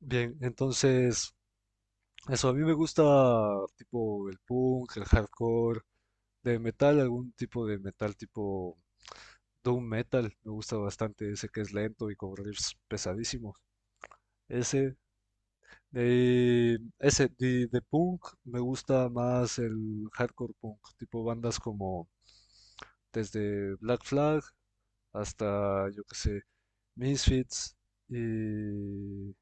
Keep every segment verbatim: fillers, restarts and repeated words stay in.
Bien, entonces, eso, a mí me gusta tipo el punk, el hardcore, de metal, algún tipo de metal tipo doom metal, me gusta bastante ese que es lento y con riffs pesadísimos. Ese, eh, ese de, de punk me gusta más el hardcore punk, tipo bandas como desde Black Flag hasta, yo qué sé, Misfits y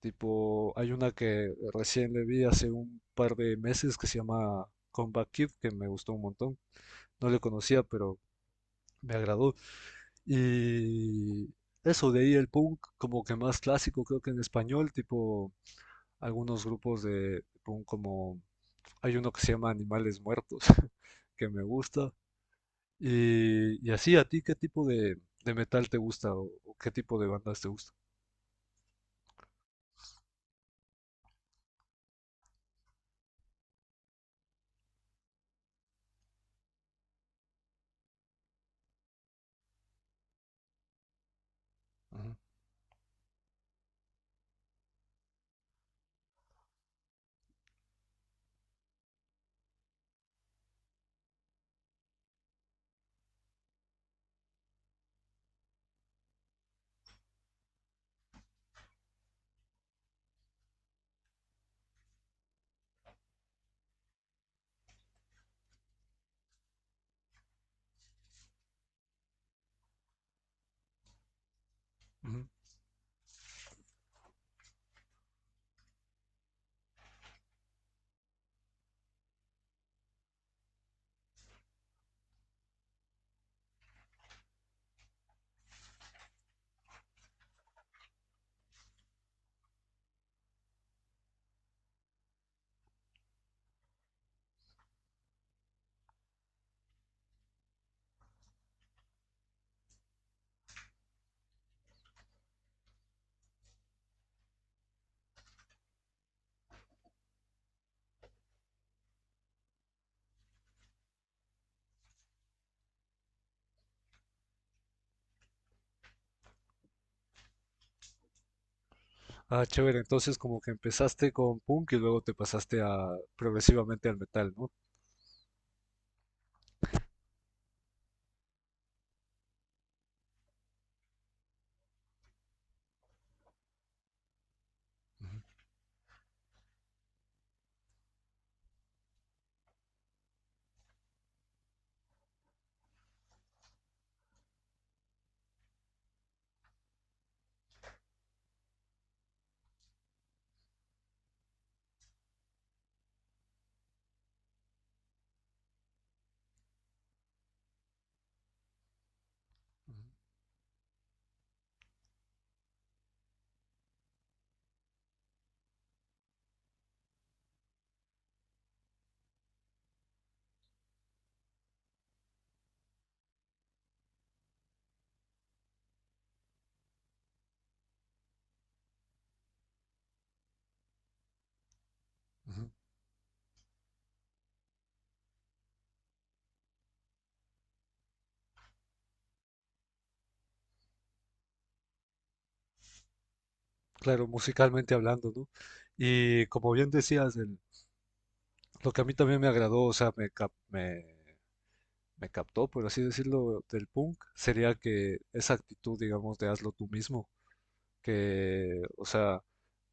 tipo, hay una que recién le vi hace un par de meses que se llama Combat Kid, que me gustó un montón. No le conocía, pero me agradó. Y eso, de ahí el punk como que más clásico, creo que en español, tipo algunos grupos de punk como hay uno que se llama Animales Muertos, que me gusta. Y, y así, ¿a ti qué tipo de, de metal te gusta o o qué tipo de bandas te gusta? Ujú, ujú. Ah, chévere. Entonces, como que empezaste con punk y luego te pasaste a progresivamente al metal, ¿no? Ujú, ujú. Claro, musicalmente hablando, ¿no? Y como bien decías, el lo que a mí también me agradó, o sea, me, cap- me, me captó, por así decirlo, del punk, sería que esa actitud, digamos, de hazlo tú mismo. Que, o sea,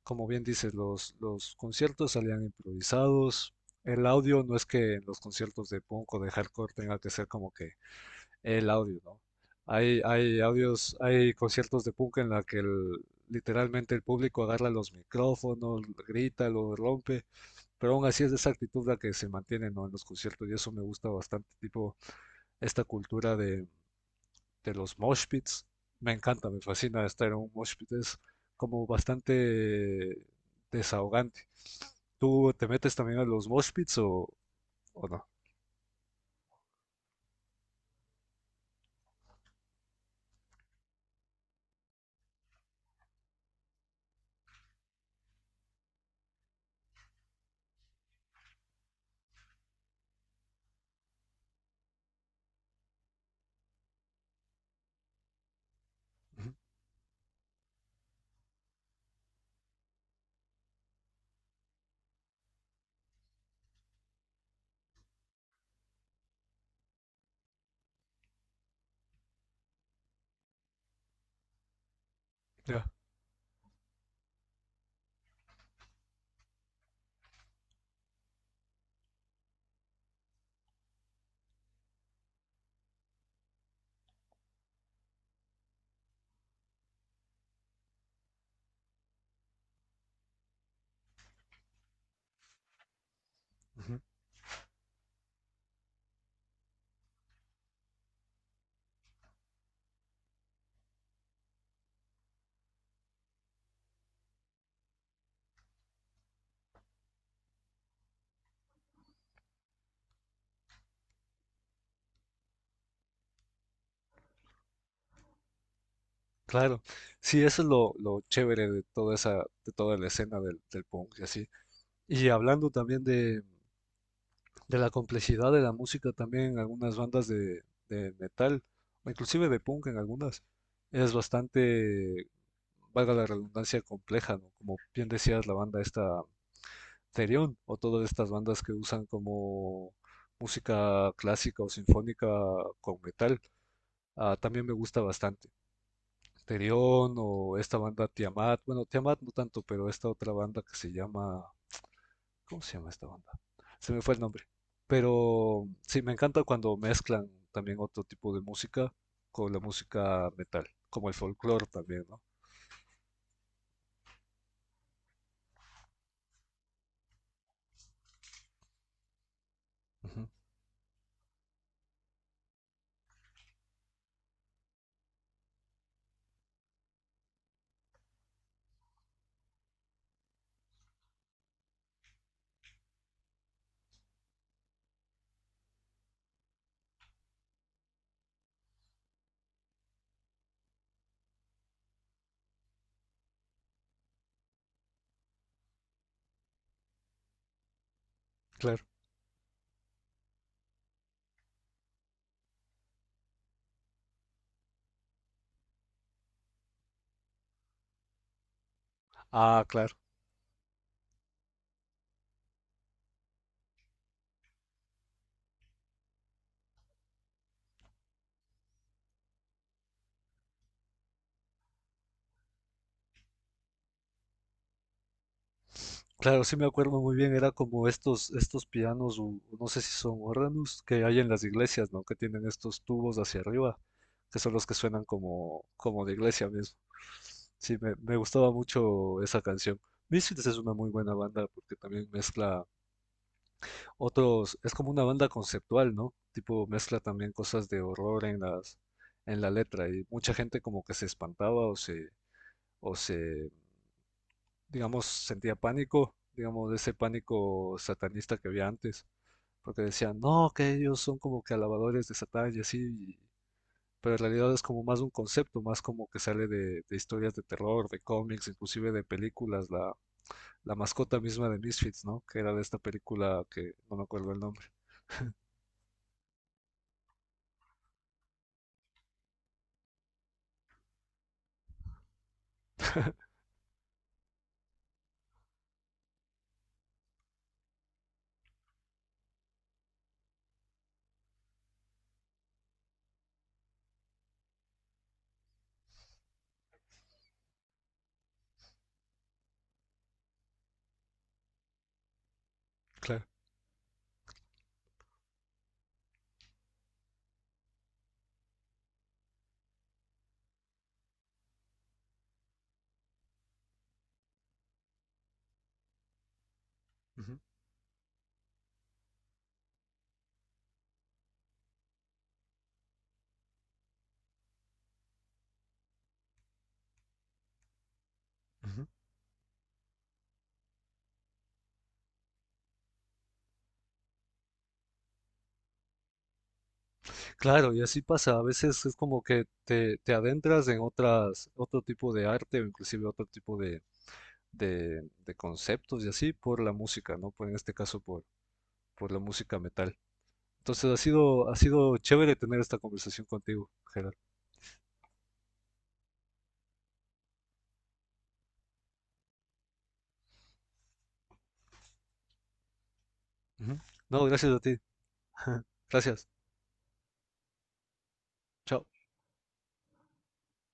como bien dices, los, los conciertos salían improvisados. El audio no es que en los conciertos de punk o de hardcore tenga que ser como que el audio, ¿no? Hay, hay audios, hay conciertos de punk en la que el literalmente el público agarra los micrófonos, grita, lo rompe, pero aún así es esa actitud la que se mantiene, ¿no? En los conciertos y eso me gusta bastante, tipo esta cultura de, de los mosh pits. Me encanta, me fascina estar en un mosh pit. Es como bastante desahogante. ¿Tú te metes también a los mosh pits o, o no? Ujú, ya. Claro, sí, eso es lo, lo chévere de toda esa, de toda la escena del, del punk y así. Y hablando también de, de la complejidad de la música, también algunas bandas de, de metal, o inclusive de punk en algunas, es bastante, valga la redundancia, compleja, ¿no? Como bien decías, la banda esta Therion, o todas estas bandas que usan como música clásica o sinfónica con metal, ah, también me gusta bastante. Terión o esta banda Tiamat, bueno, Tiamat no tanto, pero esta otra banda que se llama, ¿cómo se llama esta banda? Se me fue el nombre. Pero sí, me encanta cuando mezclan también otro tipo de música con la música metal, como el folclore también, ¿no? Ujú, claro. Ah, claro. Claro, sí me acuerdo muy bien, era como estos, estos pianos, u- no sé si son órganos, que hay en las iglesias, ¿no? Que tienen estos tubos hacia arriba, que son los que suenan como, como de iglesia mismo. Sí, me, me gustaba mucho esa canción. Misfits es una muy buena banda porque también mezcla otros, es como una banda conceptual, ¿no? Tipo mezcla también cosas de horror en las, en la letra y mucha gente como que se espantaba o se, o se digamos, sentía pánico, digamos, de ese pánico satanista que había antes, porque decían, no, que ellos son como que alabadores de Satán y así, y pero en realidad es como más un concepto, más como que sale de, de historias de terror, de cómics, inclusive de películas, la, la mascota misma de Misfits, ¿no? Que era de esta película que no me acuerdo el nombre, claro. Ujú. Claro, y así pasa. A veces es como que te, te adentras en otras, otro tipo de arte o inclusive otro tipo de, de, de conceptos y así por la música, ¿no? Por, en este caso por, por la música metal. Entonces ha sido, ha sido chévere tener esta conversación contigo, Gerard. Ujú. No, gracias a ti. Gracias. Chao.